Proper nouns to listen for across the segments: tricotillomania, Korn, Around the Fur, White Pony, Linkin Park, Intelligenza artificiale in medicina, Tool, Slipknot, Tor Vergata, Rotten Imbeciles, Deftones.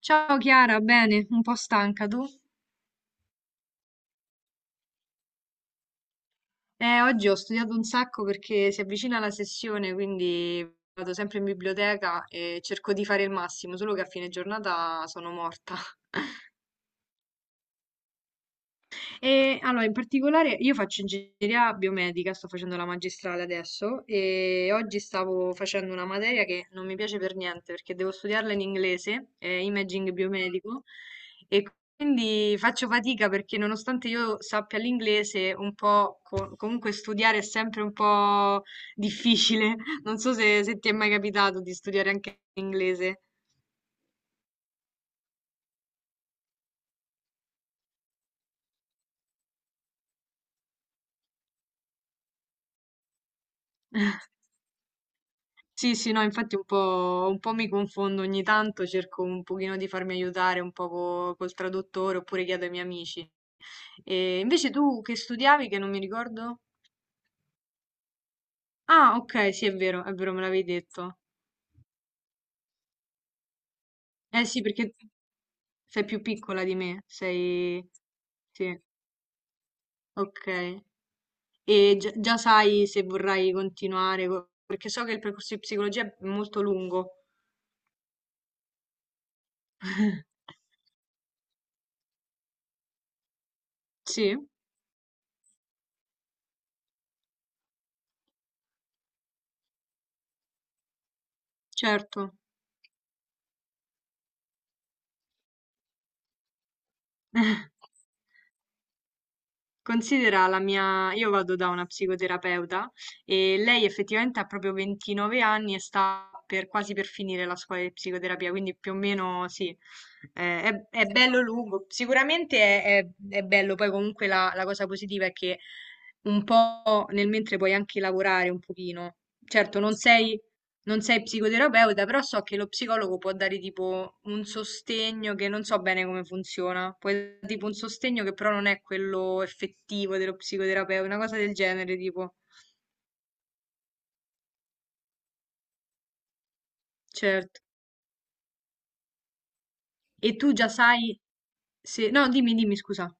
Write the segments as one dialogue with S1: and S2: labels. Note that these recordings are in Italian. S1: Ciao Chiara, bene, un po' stanca tu? Oggi ho studiato un sacco perché si avvicina la sessione, quindi vado sempre in biblioteca e cerco di fare il massimo, solo che a fine giornata sono morta. E allora, in particolare, io faccio ingegneria biomedica, sto facendo la magistrale adesso e oggi stavo facendo una materia che non mi piace per niente perché devo studiarla in inglese, imaging biomedico, e quindi faccio fatica perché nonostante io sappia l'inglese, un po' comunque studiare è sempre un po' difficile. Non so se ti è mai capitato di studiare anche l'inglese. Sì, sì, no, infatti un po', mi confondo ogni tanto, cerco un pochino di farmi aiutare un po' col traduttore oppure chiedo ai miei amici. E invece tu che studiavi, che non mi ricordo? Ah, ok, sì, è vero, me l'avevi detto. Eh sì, perché sei più piccola di me, sei. Sì, ok. E già sai se vorrai continuare, perché so che il percorso di psicologia è molto lungo. Sì, certo. Considera la mia, io vado da una psicoterapeuta e lei effettivamente ha proprio 29 anni e quasi per finire la scuola di psicoterapia, quindi più o meno sì, è bello lungo. Sicuramente è bello, poi comunque la cosa positiva è che un po' nel mentre puoi anche lavorare un pochino. Certo, non sei psicoterapeuta, però so che lo psicologo può dare tipo un sostegno che non so bene come funziona. Può dare tipo un sostegno che però non è quello effettivo dello psicoterapeuta, una cosa del genere, tipo. Certo. E tu già sai se... No, dimmi, dimmi, scusa.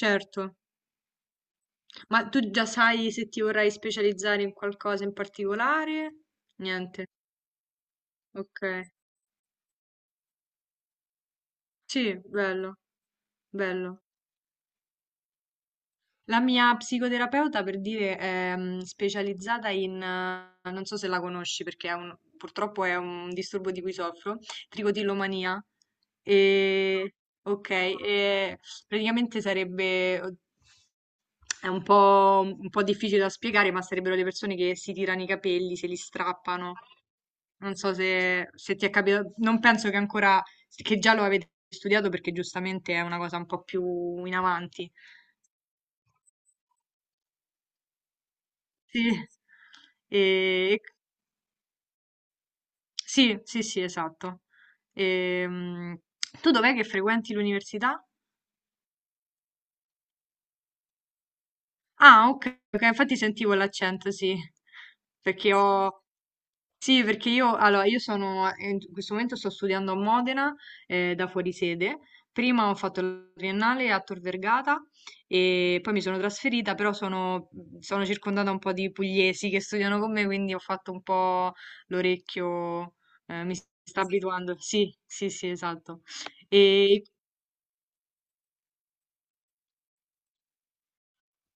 S1: Certo. Ma tu già sai se ti vorrai specializzare in qualcosa in particolare? Niente. Ok. Sì, bello, bello. La mia psicoterapeuta, per dire, è specializzata in, non so se la conosci perché è purtroppo è un disturbo di cui soffro, tricotillomania. E, ok, e praticamente sarebbe, è un po', difficile da spiegare, ma sarebbero le persone che si tirano i capelli, se li strappano. Non so se ti è capitato, non penso che ancora, che già lo avete studiato perché giustamente è una cosa un po' più in avanti. Sì, e sì, sì, sì, esatto. Ehm, tu dov'è che frequenti l'università? Ah, ok, ok, infatti sentivo l'accento, sì, perché Sì. ho, Sì, perché io, allora, io sono, in questo momento sto studiando a Modena, da fuorisede. Prima ho fatto la triennale a Tor Vergata e poi mi sono trasferita, però sono circondata un po' di pugliesi che studiano con me, quindi ho fatto un po' l'orecchio, mi sta abituando. Sì, sì, sì, esatto. E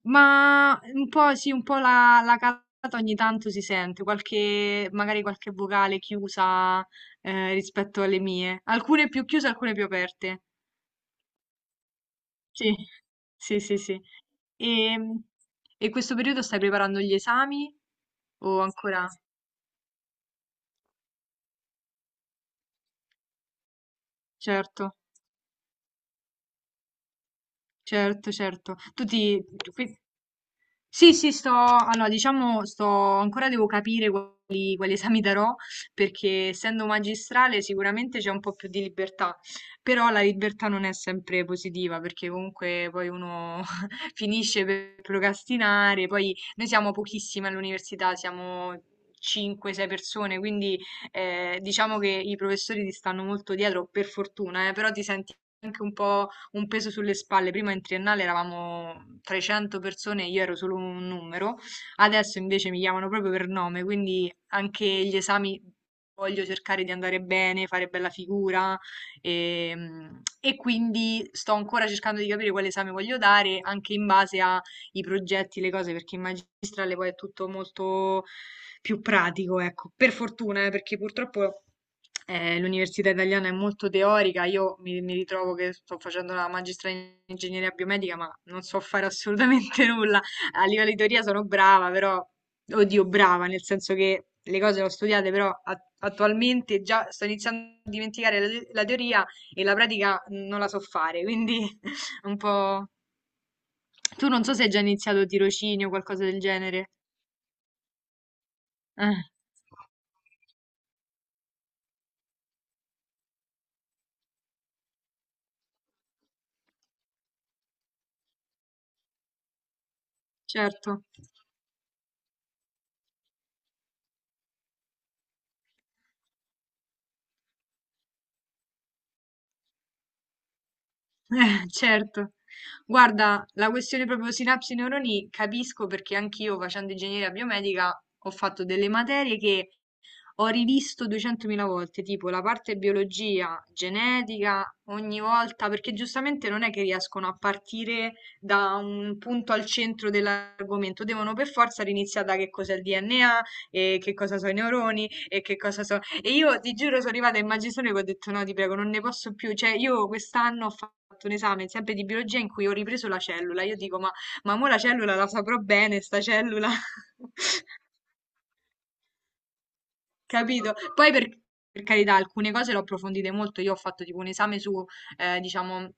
S1: Ma un po' sì, un po' la calata ogni tanto si sente, magari qualche vocale chiusa rispetto alle mie. Alcune più chiuse, alcune più aperte. Sì, sì, sì, sì. E, e questo periodo stai preparando gli esami? O ancora? Certo, certo, certo. Qui- Sì, sì, allora, diciamo, ancora devo capire quali esami darò, perché essendo magistrale sicuramente c'è un po' più di libertà, però la libertà non è sempre positiva, perché comunque poi uno finisce per procrastinare, poi noi siamo pochissime all'università, siamo 5-6 persone, quindi diciamo che i professori ti stanno molto dietro, per fortuna, però ti senti anche un po' un peso sulle spalle. Prima in triennale eravamo 300 persone, e io ero solo un numero, adesso invece mi chiamano proprio per nome, quindi anche gli esami voglio cercare di andare bene, fare bella figura e, e quindi sto ancora cercando di capire quale esame voglio dare anche in base a i progetti, le cose, perché in magistrale poi è tutto molto più pratico, ecco. Per fortuna, perché purtroppo l'università italiana è molto teorica, io mi ritrovo che sto facendo la magistrale in ingegneria biomedica, ma non so fare assolutamente nulla. A livello di teoria sono brava, però, oddio, brava, nel senso che le cose le ho studiate, però attualmente già sto iniziando a dimenticare la teoria e la pratica non la so fare, quindi un po', tu non so se hai già iniziato tirocinio o qualcosa del genere. Eh, certo. Certo. Guarda, la questione proprio sinapsi neuroni capisco perché anch'io facendo ingegneria biomedica ho fatto delle materie che ho rivisto 200.000 volte, tipo la parte biologia, genetica, ogni volta, perché giustamente non è che riescono a partire da un punto al centro dell'argomento, devono per forza riniziare da che cos'è il DNA e che cosa sono i neuroni e che cosa sono. E io ti giuro sono arrivata in magistrale che ho detto no, ti prego, non ne posso più, cioè io quest'anno ho fatto un esame sempre di biologia in cui ho ripreso la cellula, io dico ma mo la cellula la saprò bene, sta cellula. Capito? Poi per carità, alcune cose l'ho approfondite molto. Io ho fatto tipo un esame su, diciamo,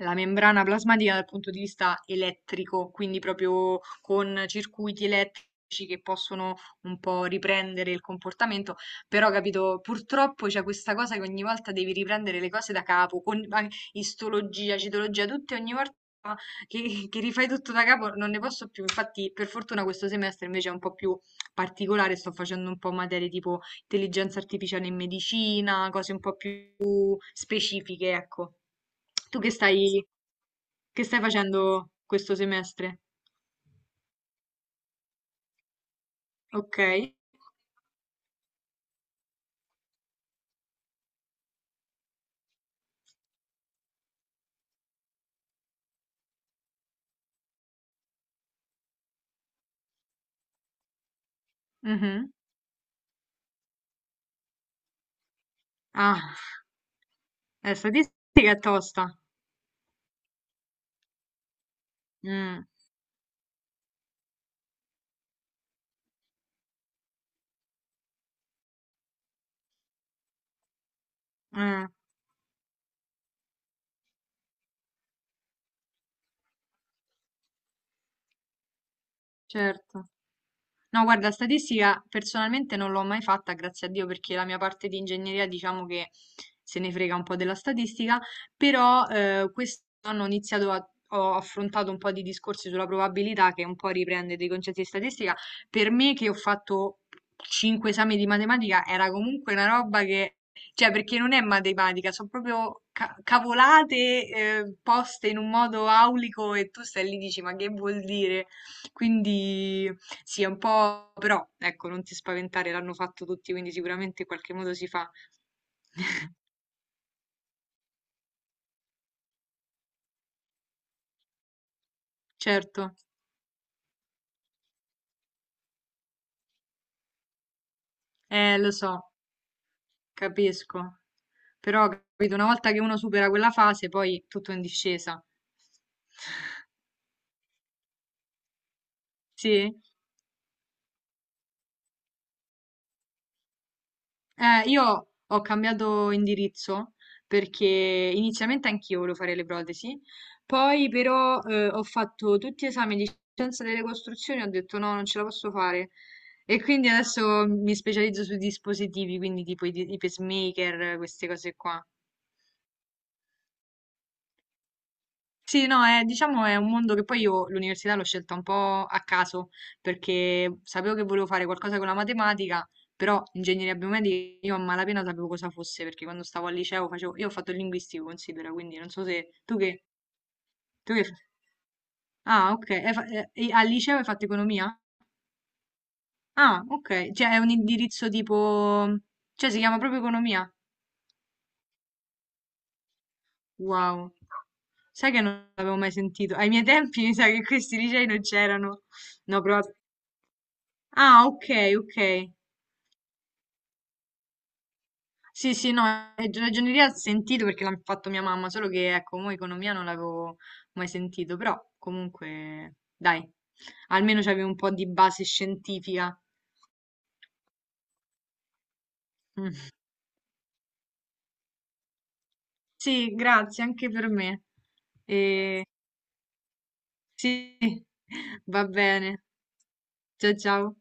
S1: la membrana plasmatica dal punto di vista elettrico, quindi proprio con circuiti elettrici che possono un po' riprendere il comportamento. Però, capito, purtroppo c'è questa cosa che ogni volta devi riprendere le cose da capo, con istologia, citologia, tutte ogni volta. Che rifai tutto da capo, non ne posso più. Infatti, per fortuna questo semestre invece è un po' più particolare, sto facendo un po' materie tipo Intelligenza artificiale in medicina, cose un po' più specifiche, ecco. Tu che stai facendo questo semestre? Ok. Mhm. Ah, statistica è tosta. Mm, eh, certo. No, guarda, statistica personalmente non l'ho mai fatta, grazie a Dio, perché la mia parte di ingegneria diciamo che se ne frega un po' della statistica, però quest'anno ho iniziato a. Ho affrontato un po' di discorsi sulla probabilità che un po' riprende dei concetti di statistica. Per me che ho fatto cinque esami di matematica era comunque una roba che, cioè perché non è matematica, sono proprio cavolate poste in un modo aulico e tu stai lì e dici ma che vuol dire? Quindi sì, è un po' però, ecco, non ti spaventare, l'hanno fatto tutti, quindi sicuramente in qualche modo si fa. Certo, lo so, capisco. Però, capito, una volta che uno supera quella fase, poi tutto è in discesa. Sì? Io ho cambiato indirizzo perché inizialmente anch'io volevo fare le protesi, poi però ho fatto tutti gli esami di scienza delle costruzioni e ho detto no, non ce la posso fare. E quindi adesso mi specializzo sui dispositivi, quindi tipo i pacemaker, queste cose qua. Sì, no, diciamo è un mondo che poi io l'università l'ho scelta un po' a caso perché sapevo che volevo fare qualcosa con la matematica, però ingegneria biomedica io a malapena sapevo cosa fosse perché quando stavo al liceo io ho fatto il linguistico, considera, quindi non so se tu che, ah, ok, e al liceo hai fatto economia? Ah, ok, cioè è un indirizzo tipo, cioè si chiama proprio economia? Wow, sai che non l'avevo mai sentito, ai miei tempi mi sa che questi licei non c'erano, no, però. Ah, ok, ok. Sì, sì, no, ragioneria ho sentito perché l'ha fatto mia mamma, solo che ecco, mo economia non l'avevo mai sentito, però comunque, dai, almeno c'avevi un po' di base scientifica. Mm. Sì, grazie anche per me. E... Sì, va bene. Ciao ciao.